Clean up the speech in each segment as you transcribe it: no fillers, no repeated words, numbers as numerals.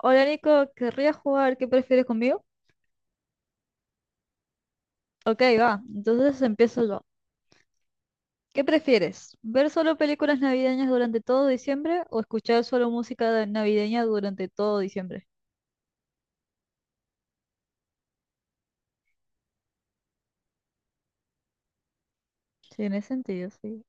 Hola Nico, ¿querrías jugar ¿Qué prefieres conmigo? Ok, va, entonces empiezo yo. ¿Qué prefieres? ¿Ver solo películas navideñas durante todo diciembre o escuchar solo navideña durante todo diciembre? Sí, en ese sentido, sí.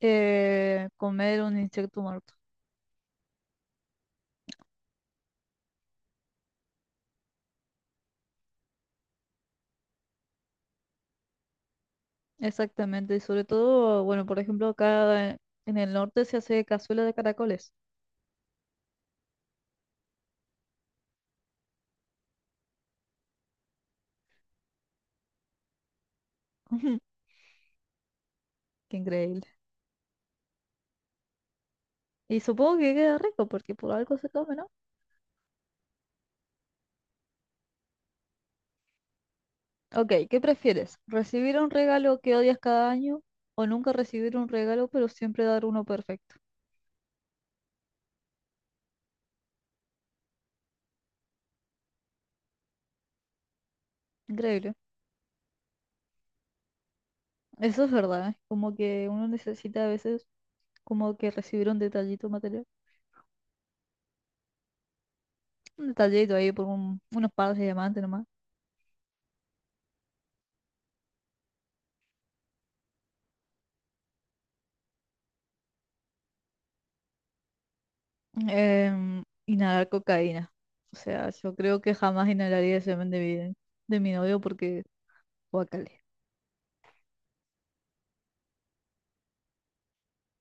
Comer un insecto muerto. Exactamente, y sobre todo, bueno, por ejemplo, acá en el norte se hace cazuela de caracoles. Qué increíble. Y supongo que queda rico porque por algo se come, ¿no? Ok, ¿qué prefieres? ¿Recibir un regalo que odias cada año o nunca recibir un regalo pero siempre dar uno perfecto? Increíble. Eso es verdad, ¿eh? Como que uno necesita a veces como que recibir un detallito material. Un detallito ahí por unos pares de diamantes nomás. Inhalar cocaína. O sea, yo creo que jamás inhalaría el semen de mi novio porque guacale.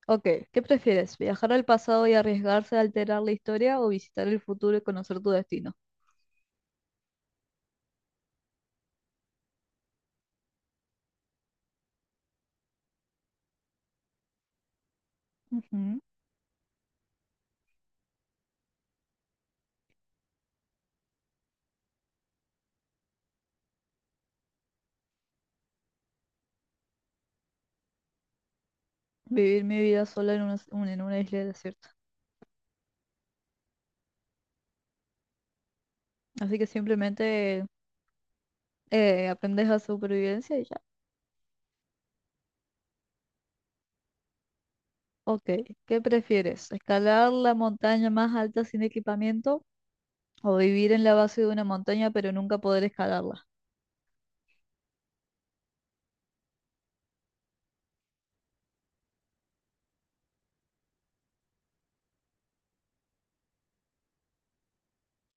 Ok, ¿qué prefieres? ¿Viajar al pasado y arriesgarse a alterar la historia o visitar el futuro y conocer tu destino? Ujú. Vivir mi vida sola en una, en una isla desierta. Así que simplemente aprendes a supervivencia y ya. Ok, ¿qué prefieres? ¿Escalar la montaña más alta sin equipamiento o vivir en la base de una montaña pero nunca poder escalarla?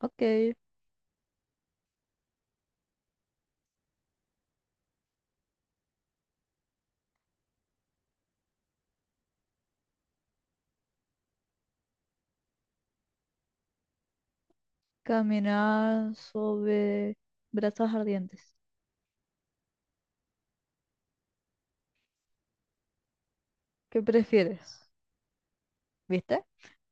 Ok, caminar sobre brazos ardientes. ¿Qué prefieres? ¿Viste?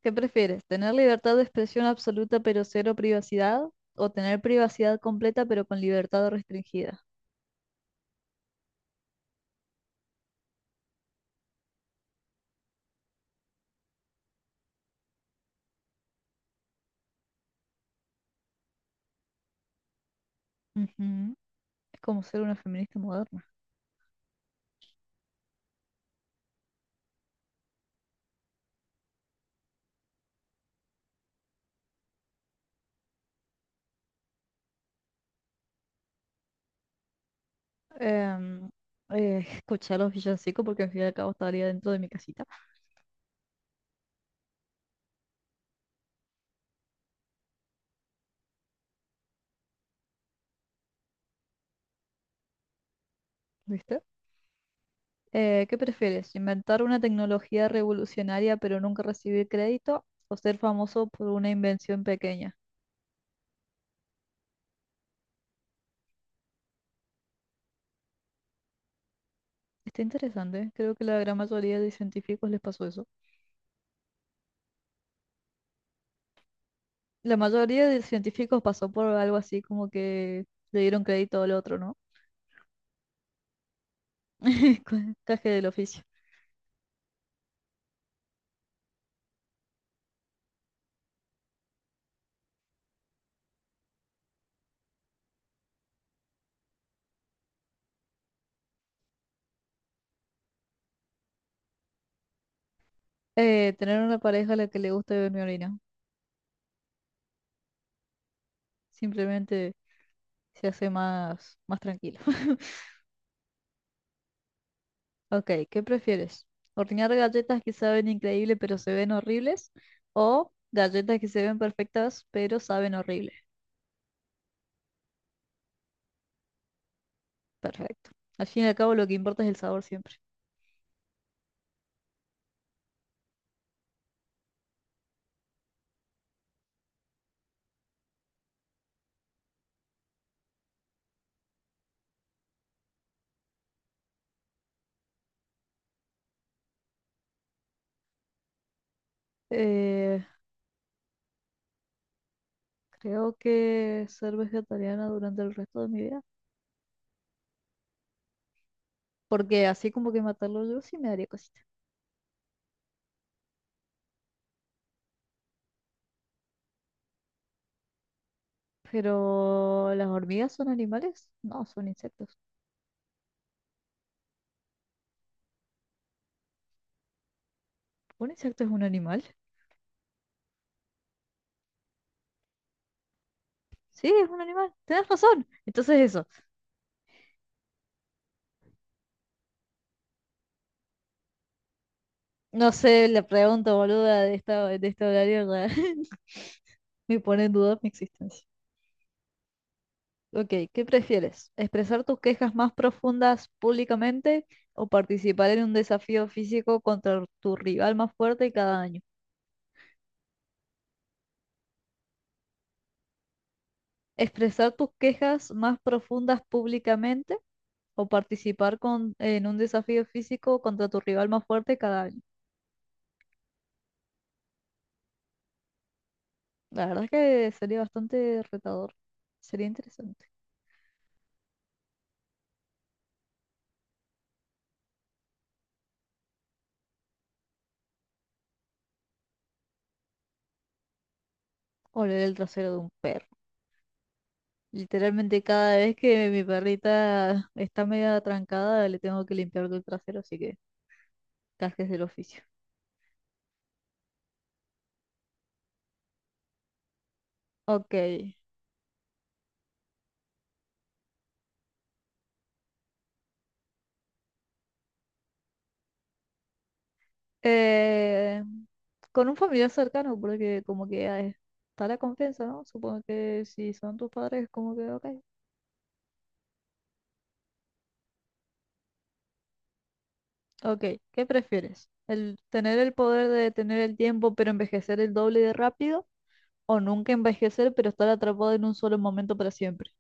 ¿Qué prefieres? ¿Tener libertad de expresión absoluta pero cero privacidad? ¿O tener privacidad completa pero con libertad restringida? Ujú. Es como ser una feminista moderna. Em, Escuchar los villancicos porque al fin y al cabo estaría dentro de mi casita. ¿Viste? ¿Qué prefieres? ¿Inventar una tecnología revolucionaria pero nunca recibir crédito o ser famoso por una invención pequeña? Está interesante, ¿eh? Creo que la gran mayoría de científicos les pasó eso. La mayoría de científicos pasó por algo así, como que le dieron crédito al otro, ¿no? Caje del oficio. Tener una pareja a la que le guste beber mi orina. Simplemente se hace más, más tranquilo. Ok, ¿qué prefieres? ¿Hornear galletas que saben increíble pero se ven horribles? ¿O galletas que se ven perfectas pero saben horrible? Perfecto. Al fin y al cabo lo que importa es el sabor siempre. Eh, Creo que ser vegetariana durante el resto de mi vida. Porque así como que matarlo yo sí me daría cosita. Pero las hormigas son animales. No, son insectos. ¿Un insecto es un animal? Sí, es un animal. Tienes razón. Entonces eso. No sé, la pregunta boluda de esta, de este horario ya me pone en duda mi existencia. Ok, ¿qué prefieres? ¿Expresar tus quejas más profundas públicamente o participar en un desafío físico contra tu rival más fuerte cada año? ¿Expresar tus quejas más profundas públicamente o participar con, en un desafío físico contra tu rival más fuerte cada año? La verdad es que sería bastante retador. Sería interesante. Oler el trasero de un perro. Literalmente cada vez que mi perrita está media trancada, le tengo que limpiar el trasero, así que gajes del oficio. Ok. Eh, con un familiar cercano, porque como que ah, está la confianza, ¿no? Supongo que si son tus padres, como que, ok. Ok, ¿qué prefieres? ¿El tener el poder de detener el tiempo pero envejecer el doble de rápido? ¿O nunca envejecer pero estar atrapado en un solo momento para siempre?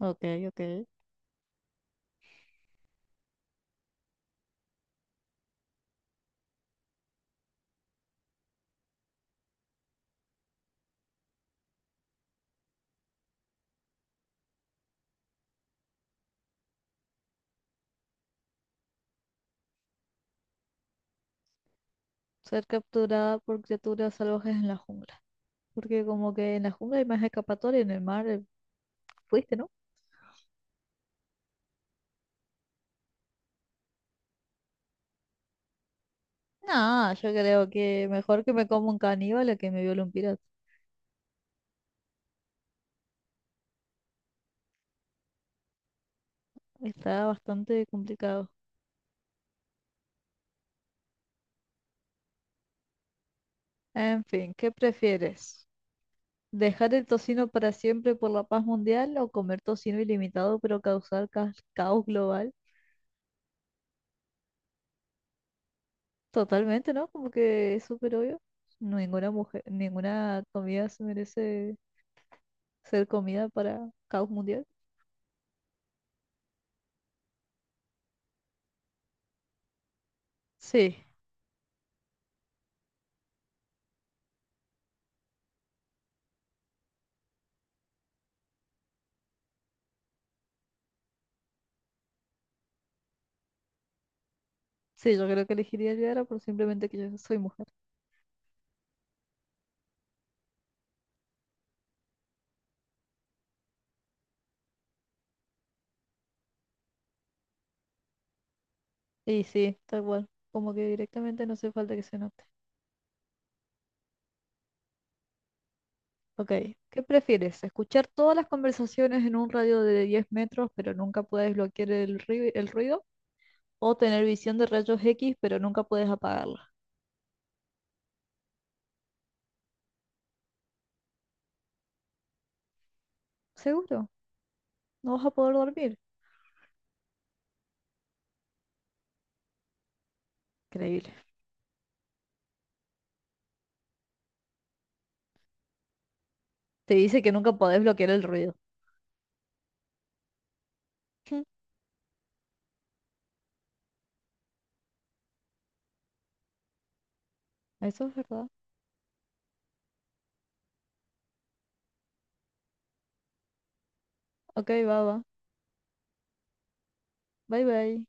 Ok, ok. Ser capturada por criaturas salvajes en la jungla. Porque como que en la jungla hay más escapatoria, en el mar fuiste, ¿no? No, yo creo que mejor que me como un caníbal a que me viole un pirata. Está bastante complicado. En fin, ¿qué prefieres? ¿Dejar el tocino para siempre por la paz mundial o comer tocino ilimitado pero causar caos global? Totalmente, ¿no? Como que es súper obvio. Ninguna mujer, ninguna comida se merece ser comida para caos mundial. Sí, sí, yo creo que elegiría Yara por simplemente que yo soy mujer. Y sí, tal cual. Como que directamente no hace falta que se note. Ok, ¿qué prefieres? ¿Escuchar todas las conversaciones en un radio de 10 metros pero nunca puedes bloquear el ruido? O tener visión de rayos X, pero nunca puedes apagarla. ¿Seguro? No vas a poder dormir. Increíble. Te dice que nunca podés bloquear el ruido. Eso es verdad. Ok, va, va. Bye, bye.